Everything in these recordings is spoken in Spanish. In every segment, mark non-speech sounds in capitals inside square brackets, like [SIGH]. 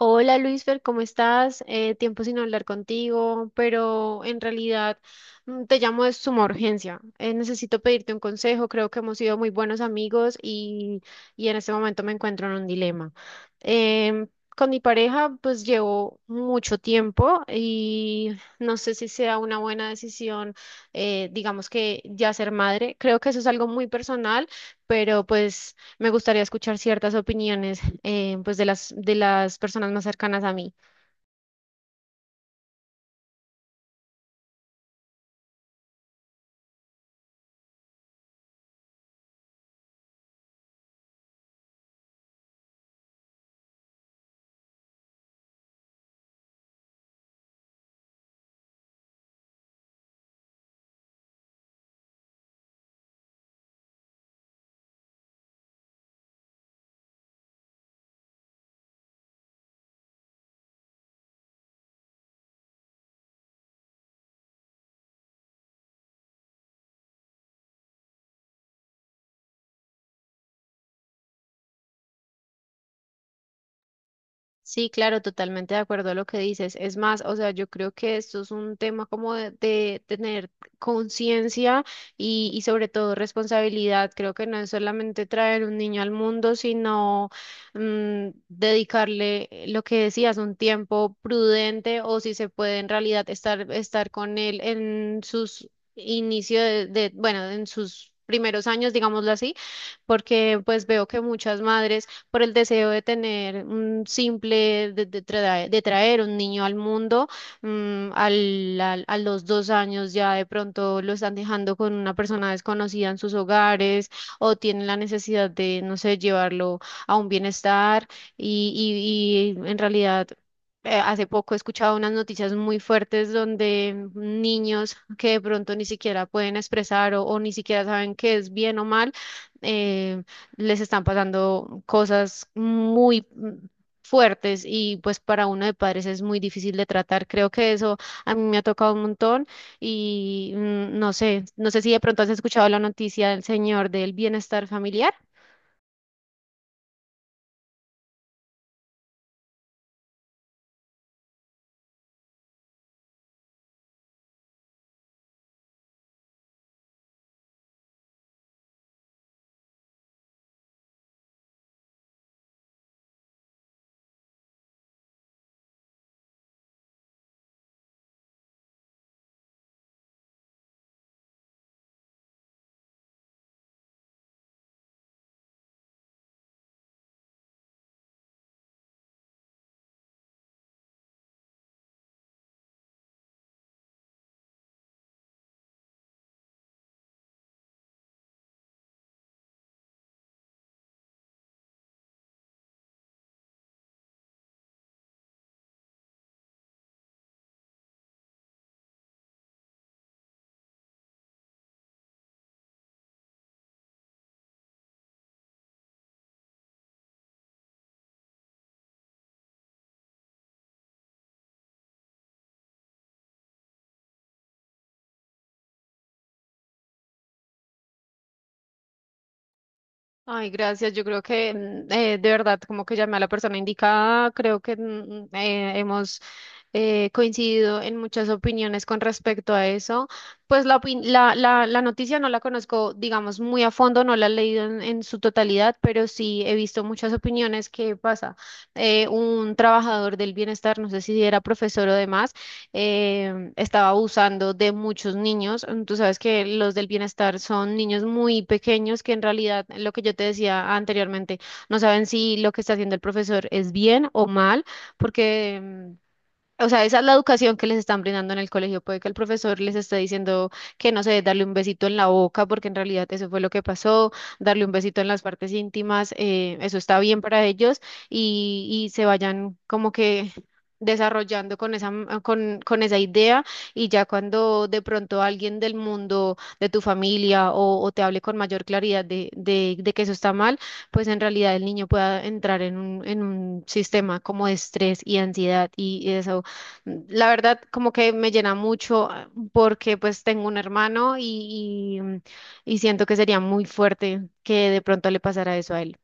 Hola Luisfer, ¿cómo estás? Tiempo sin hablar contigo, pero en realidad te llamo de suma urgencia. Necesito pedirte un consejo, creo que hemos sido muy buenos amigos y en este momento me encuentro en un dilema. Em, con mi pareja pues llevo mucho tiempo y no sé si sea una buena decisión, digamos que ya ser madre. Creo que eso es algo muy personal, pero pues me gustaría escuchar ciertas opiniones, pues de las personas más cercanas a mí. Sí, claro, totalmente de acuerdo a lo que dices. Es más, o sea, yo creo que esto es un tema como de tener conciencia y sobre todo responsabilidad. Creo que no es solamente traer un niño al mundo, sino dedicarle, lo que decías, un tiempo prudente, o si se puede en realidad estar con él en sus inicios bueno, en sus primeros años, digámoslo así, porque pues veo que muchas madres, por el deseo de tener un simple, de traer un niño al mundo, a los 2 años ya de pronto lo están dejando con una persona desconocida en sus hogares, o tienen la necesidad de, no sé, llevarlo a un bienestar, y, y en realidad, hace poco he escuchado unas noticias muy fuertes donde niños que de pronto ni siquiera pueden expresar o ni siquiera saben qué es bien o mal, eh, les están pasando cosas muy fuertes, y pues para uno de padres es muy difícil de tratar. Creo que eso a mí me ha tocado un montón, y no sé, no sé si de pronto has escuchado la noticia del señor del bienestar familiar. Ay, gracias. Yo creo que, de verdad, como que llamé a la persona indicada. Creo que, mm, hemos coincido en muchas opiniones con respecto a eso. Pues la noticia no la conozco, digamos, muy a fondo, no la he leído en su totalidad, pero sí he visto muchas opiniones que pasa. Un trabajador del bienestar, no sé si era profesor o demás, estaba abusando de muchos niños. Mm. Tú sabes que los del bienestar son niños muy pequeños que en realidad, lo que yo te decía anteriormente, no saben si lo que está haciendo el profesor es bien o mal, porque o sea, esa es la educación que les están brindando en el colegio. Puede que el profesor les esté diciendo que, no sé, darle un besito en la boca, porque en realidad eso fue lo que pasó, darle un besito en las partes íntimas, eso está bien para ellos, y se vayan como que desarrollando con esa idea, y ya cuando de pronto alguien del mundo, de tu familia o te hable con mayor claridad de que eso está mal, pues en realidad el niño pueda entrar en un sistema como de estrés y ansiedad y desahogarse. La verdad, como que me llena mucho, ah, porque pues tengo un hermano y siento que sería muy fuerte que de pronto le pasara eso a él.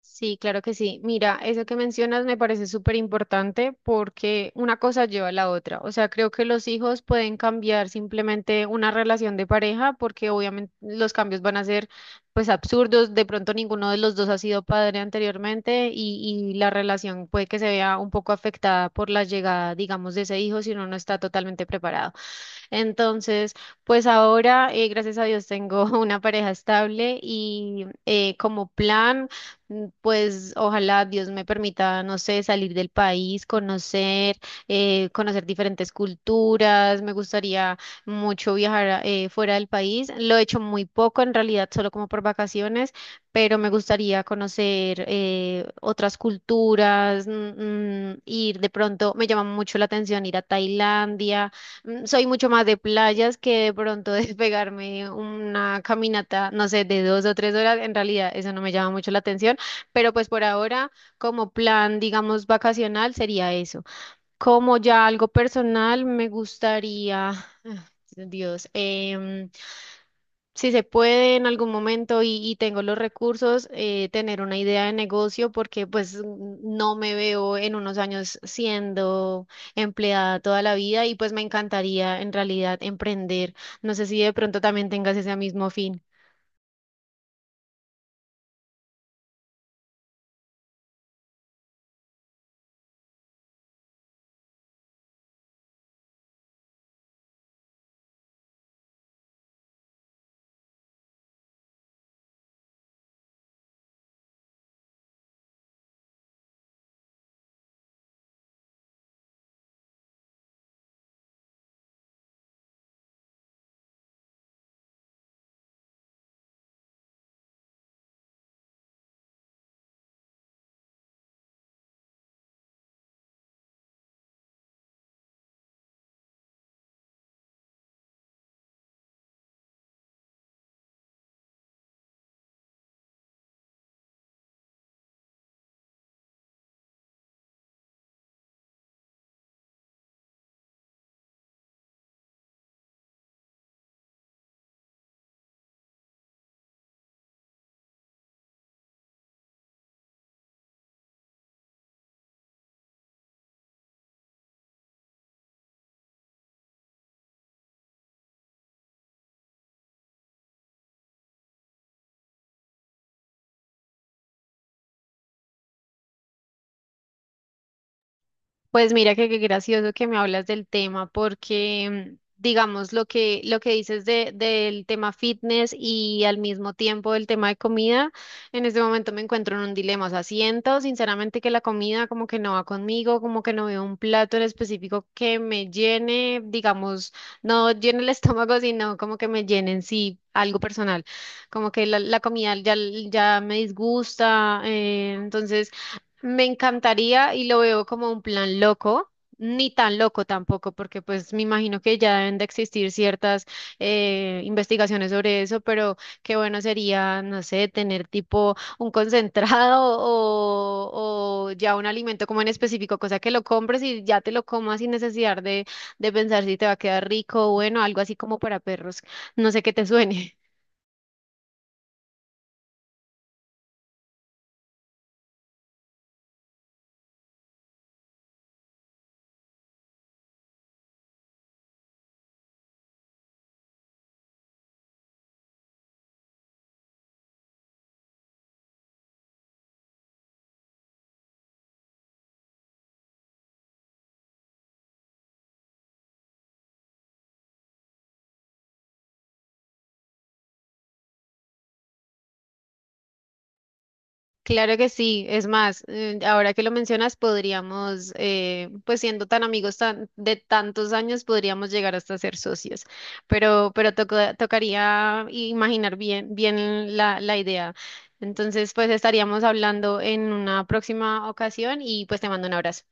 Sí, claro que sí. Mira, eso que mencionas me parece súper importante porque una cosa lleva a la otra. O sea, creo que los hijos pueden cambiar simplemente una relación de pareja porque obviamente los cambios van a ser pues absurdos. De pronto ninguno de los dos ha sido padre anteriormente, y la relación puede que se vea un poco afectada por la llegada, digamos, de ese hijo, si uno no está totalmente preparado. Entonces, pues ahora, gracias a Dios, tengo [LAUGHS] una pareja estable y, como plan, pues ojalá Dios me permita, no sé, salir del país, conocer, conocer diferentes culturas. Me gustaría mucho viajar fuera del país. Lo he hecho muy poco, en realidad, solo como por vacaciones, pero me gustaría conocer, otras culturas, ir de pronto, me llama mucho la atención ir a Tailandia. Soy mucho más de playas que de pronto [LAUGHS] despegarme una caminata, no sé, de 2 o 3 horas. En realidad, eso no me llama mucho la atención, pero pues por ahora, como plan, digamos, vacacional, sería eso. Como ya algo personal, me gustaría, [SIGHS] Dios, si se puede en algún momento y tengo los recursos, tener una idea de negocio, porque pues no me veo en unos años siendo empleada toda la vida y pues me encantaría en realidad emprender. No sé si de pronto también tengas ese mismo fin. Pues mira que qué gracioso que me hablas del tema, porque digamos lo que dices del tema fitness y al mismo tiempo del tema de comida, en este momento me encuentro en un dilema. O sea, siento sinceramente que la comida como que no va conmigo, como que no veo un plato en específico que me llene, digamos, no llene el [LAUGHS] estómago, sino como que me llene en sí, algo personal, como que la comida ya, ya me disgusta. Entonces me encantaría, y lo veo como un plan loco, ni tan loco tampoco, porque pues me imagino que ya deben de existir ciertas, investigaciones sobre eso, pero qué bueno sería, no sé, tener tipo un concentrado o ya un alimento como en específico, cosa que lo compres y ya te lo comas sin necesidad de pensar si te va a quedar rico, o bueno, algo así como para perros, no sé qué te suene. Claro que sí, es más, ahora que lo mencionas, podríamos, pues siendo tan amigos de tantos años, podríamos llegar hasta ser socios, pero tocaría imaginar bien, bien la idea. Entonces, pues estaríamos hablando en una próxima ocasión y pues te mando un abrazo.